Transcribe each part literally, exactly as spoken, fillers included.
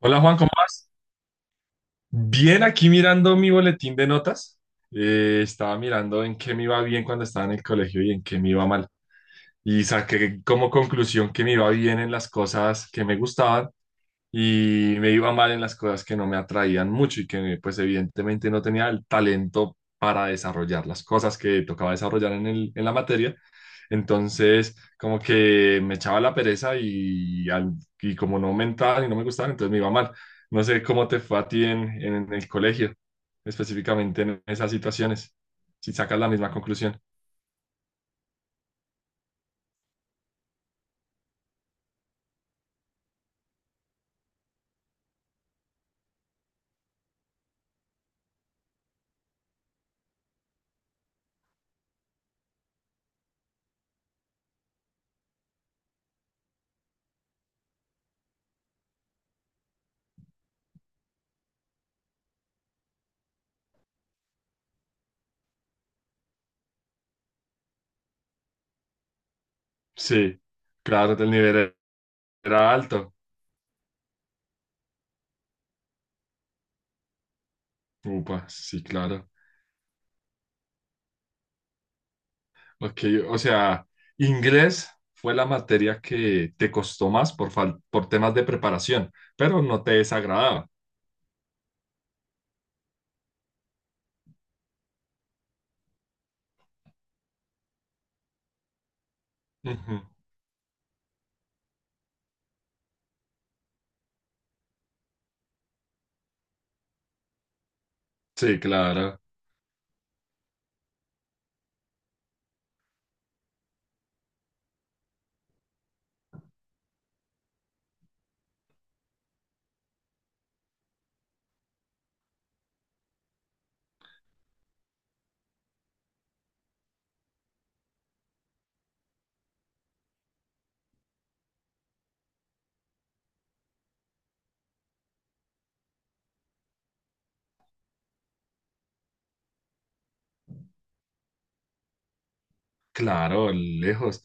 Hola Juan, ¿cómo vas? Bien, aquí mirando mi boletín de notas. Eh, estaba mirando en qué me iba bien cuando estaba en el colegio y en qué me iba mal. Y saqué como conclusión que me iba bien en las cosas que me gustaban y me iba mal en las cosas que no me atraían mucho y que pues evidentemente no tenía el talento para desarrollar las cosas que tocaba desarrollar en el, en la materia. Entonces, como que me echaba la pereza y, al- y como no aumentaban y no me gustaban, entonces me iba mal. No sé cómo te fue a ti en, en el colegio, específicamente en esas situaciones, si sacas la misma conclusión. Sí, claro, el nivel era alto. Upa, sí, claro. Ok, o sea, inglés fue la materia que te costó más por, fal- por temas de preparación, pero no te desagradaba. Ujú. Sí, claro. Claro, lejos.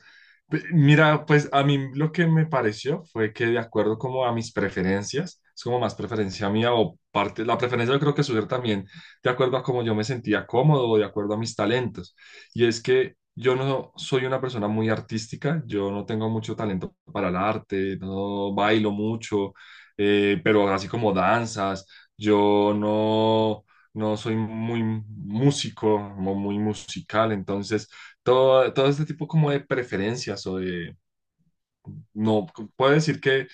Pe- Mira, pues a mí lo que me pareció fue que de acuerdo como a mis preferencias, es como más preferencia mía o parte, la preferencia yo creo que surge también de acuerdo a cómo yo me sentía cómodo o de acuerdo a mis talentos. Y es que yo no soy una persona muy artística, yo no tengo mucho talento para el arte, no bailo mucho, eh, pero así como danzas, yo no, no soy muy músico, mo- muy musical, entonces todo, todo este tipo como de preferencias o de, no, puedo decir que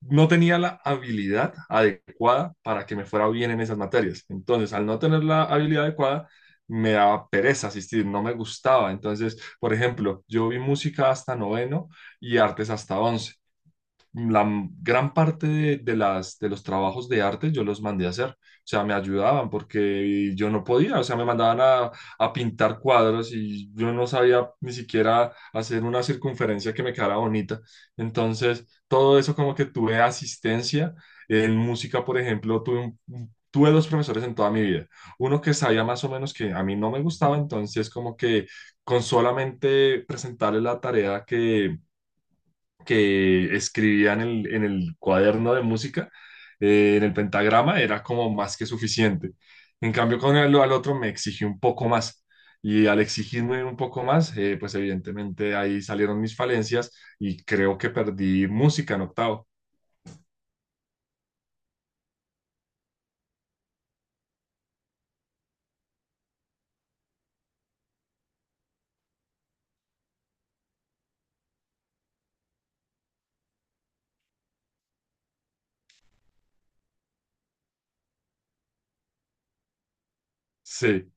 no tenía la habilidad adecuada para que me fuera bien en esas materias. Entonces, al no tener la habilidad adecuada, me daba pereza asistir, no me gustaba. Entonces, por ejemplo, yo vi música hasta noveno y artes hasta once, la m- gran parte de, de las, de los trabajos de arte yo los mandé a hacer, o sea, me ayudaban porque yo no podía, o sea, me mandaban a, a pintar cuadros y yo no sabía ni siquiera hacer una circunferencia que me quedara bonita. Entonces, todo eso como que tuve asistencia. En música, por ejemplo, tuve un- un- Tuve dos profesores en toda mi vida. Uno que sabía más o menos que a mí no me gustaba, entonces como que con solamente presentarle la tarea que, que escribía en el, en el cuaderno de música, eh, en el pentagrama, era como más que suficiente. En cambio, con el al otro me exigí un poco más. Y al exigirme un poco más, eh, pues evidentemente ahí salieron mis falencias y creo que perdí música en octavo. Sí,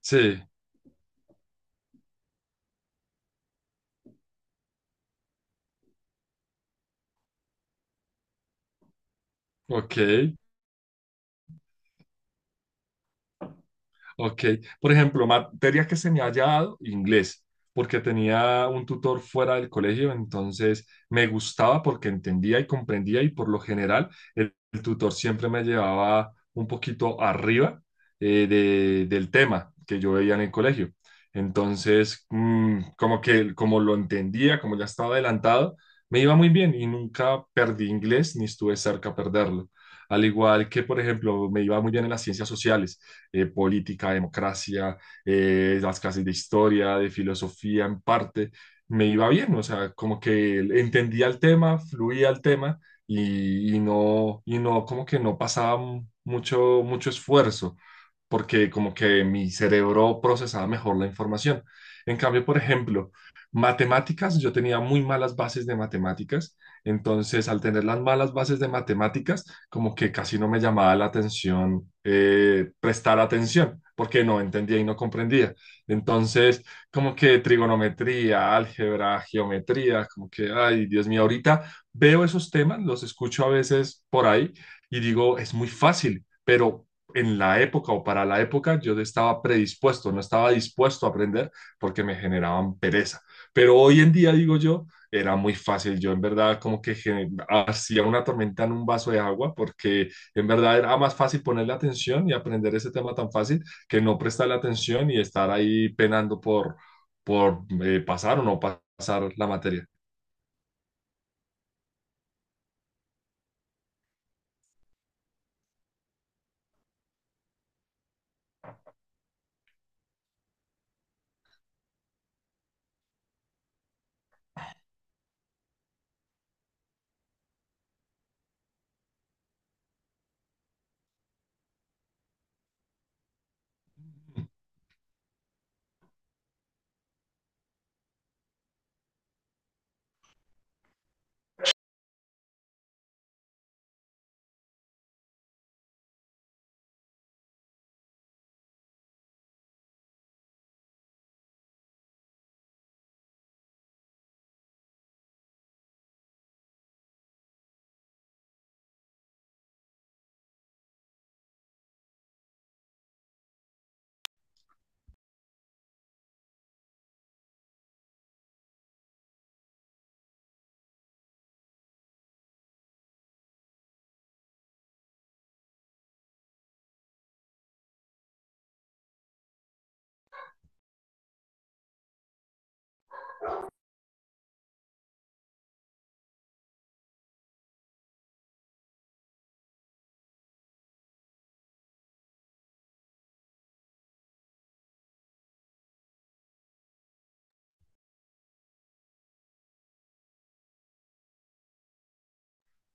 sí, ok. Ok, por ejemplo, materia que se me haya dado, inglés, porque tenía un tutor fuera del colegio, entonces me gustaba porque entendía y comprendía y por lo general el, el tutor siempre me llevaba un poquito arriba, eh, de- del tema que yo veía en el colegio. Entonces, mm, como que como lo entendía, como ya estaba adelantado, me iba muy bien y nunca perdí inglés ni estuve cerca a perderlo. Al igual que, por ejemplo, me iba muy bien en las ciencias sociales, eh, política, democracia, eh, las clases de historia, de filosofía en parte, me iba bien, o sea, como que entendía el tema, fluía el tema y, y no, y no, como que no pasaba mucho, mucho esfuerzo, porque como que mi cerebro procesaba mejor la información. En cambio, por ejemplo, matemáticas, yo tenía muy malas bases de matemáticas, entonces al tener las malas bases de matemáticas, como que casi no me llamaba la atención, eh, prestar atención, porque no entendía y no comprendía. Entonces, como que trigonometría, álgebra, geometría, como que, ay, Dios mío, ahorita veo esos temas, los escucho a veces por ahí y digo, es muy fácil, pero. En la época o para la época yo no estaba predispuesto, no estaba dispuesto a aprender porque me generaban pereza. Pero hoy en día digo yo, era muy fácil. Yo en verdad como que gen- hacía una tormenta en un vaso de agua porque en verdad era más fácil ponerle atención y aprender ese tema tan fácil que no prestarle atención y estar ahí penando por, por eh, pasar o no pa- pasar la materia.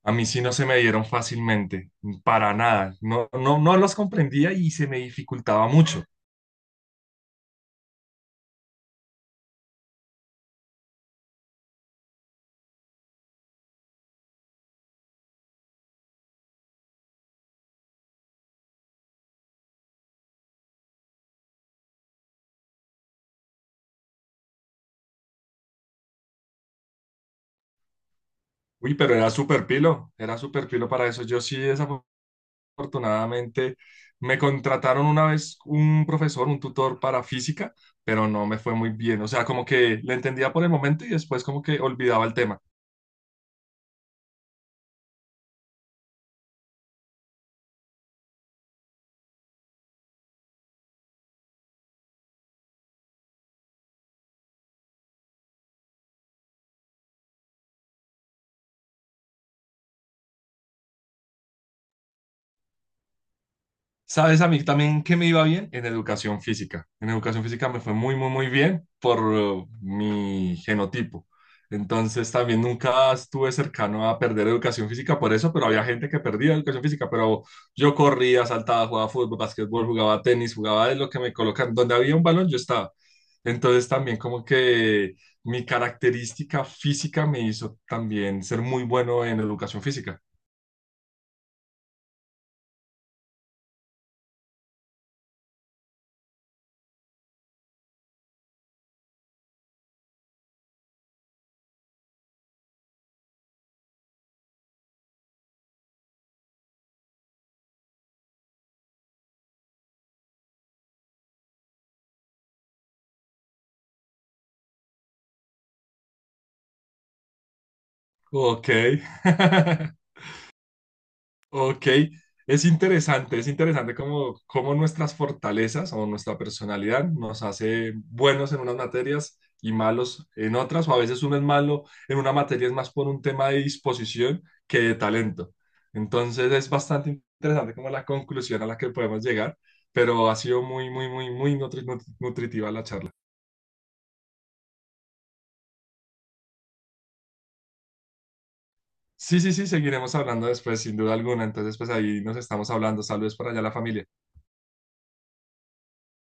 A mí sí no se me dieron fácilmente, para nada. No, no, no los comprendía y se me dificultaba mucho. Uy, pero era súper pilo, era súper pilo para eso. Yo sí, esa afortunadamente me contrataron una vez un profesor, un tutor para física, pero no me fue muy bien. O sea, como que le entendía por el momento y después como que olvidaba el tema. ¿Sabes a mí también que me iba bien? En educación física. En educación física me fue muy, muy, muy bien por eh, mi genotipo. Entonces también nunca estuve cercano a perder educación física por eso, pero había gente que perdía educación física, pero yo corría, saltaba, jugaba fútbol, básquetbol, jugaba tenis, jugaba de lo que me colocan. Donde había un balón, yo estaba. Entonces también como que mi característica física me hizo también ser muy bueno en educación física. Ok. Ok, es interesante, es interesante cómo, cómo nuestras fortalezas o nuestra personalidad nos hace buenos en unas materias y malos en otras, o a veces uno es malo en una materia es más por un tema de disposición que de talento. Entonces es bastante interesante como la conclusión a la que podemos llegar, pero ha sido muy, muy, muy, muy nutri- nut- nutritiva la charla. Sí, sí, sí, seguiremos hablando después, sin duda alguna. Entonces, pues ahí nos estamos hablando. Saludos para allá a la familia.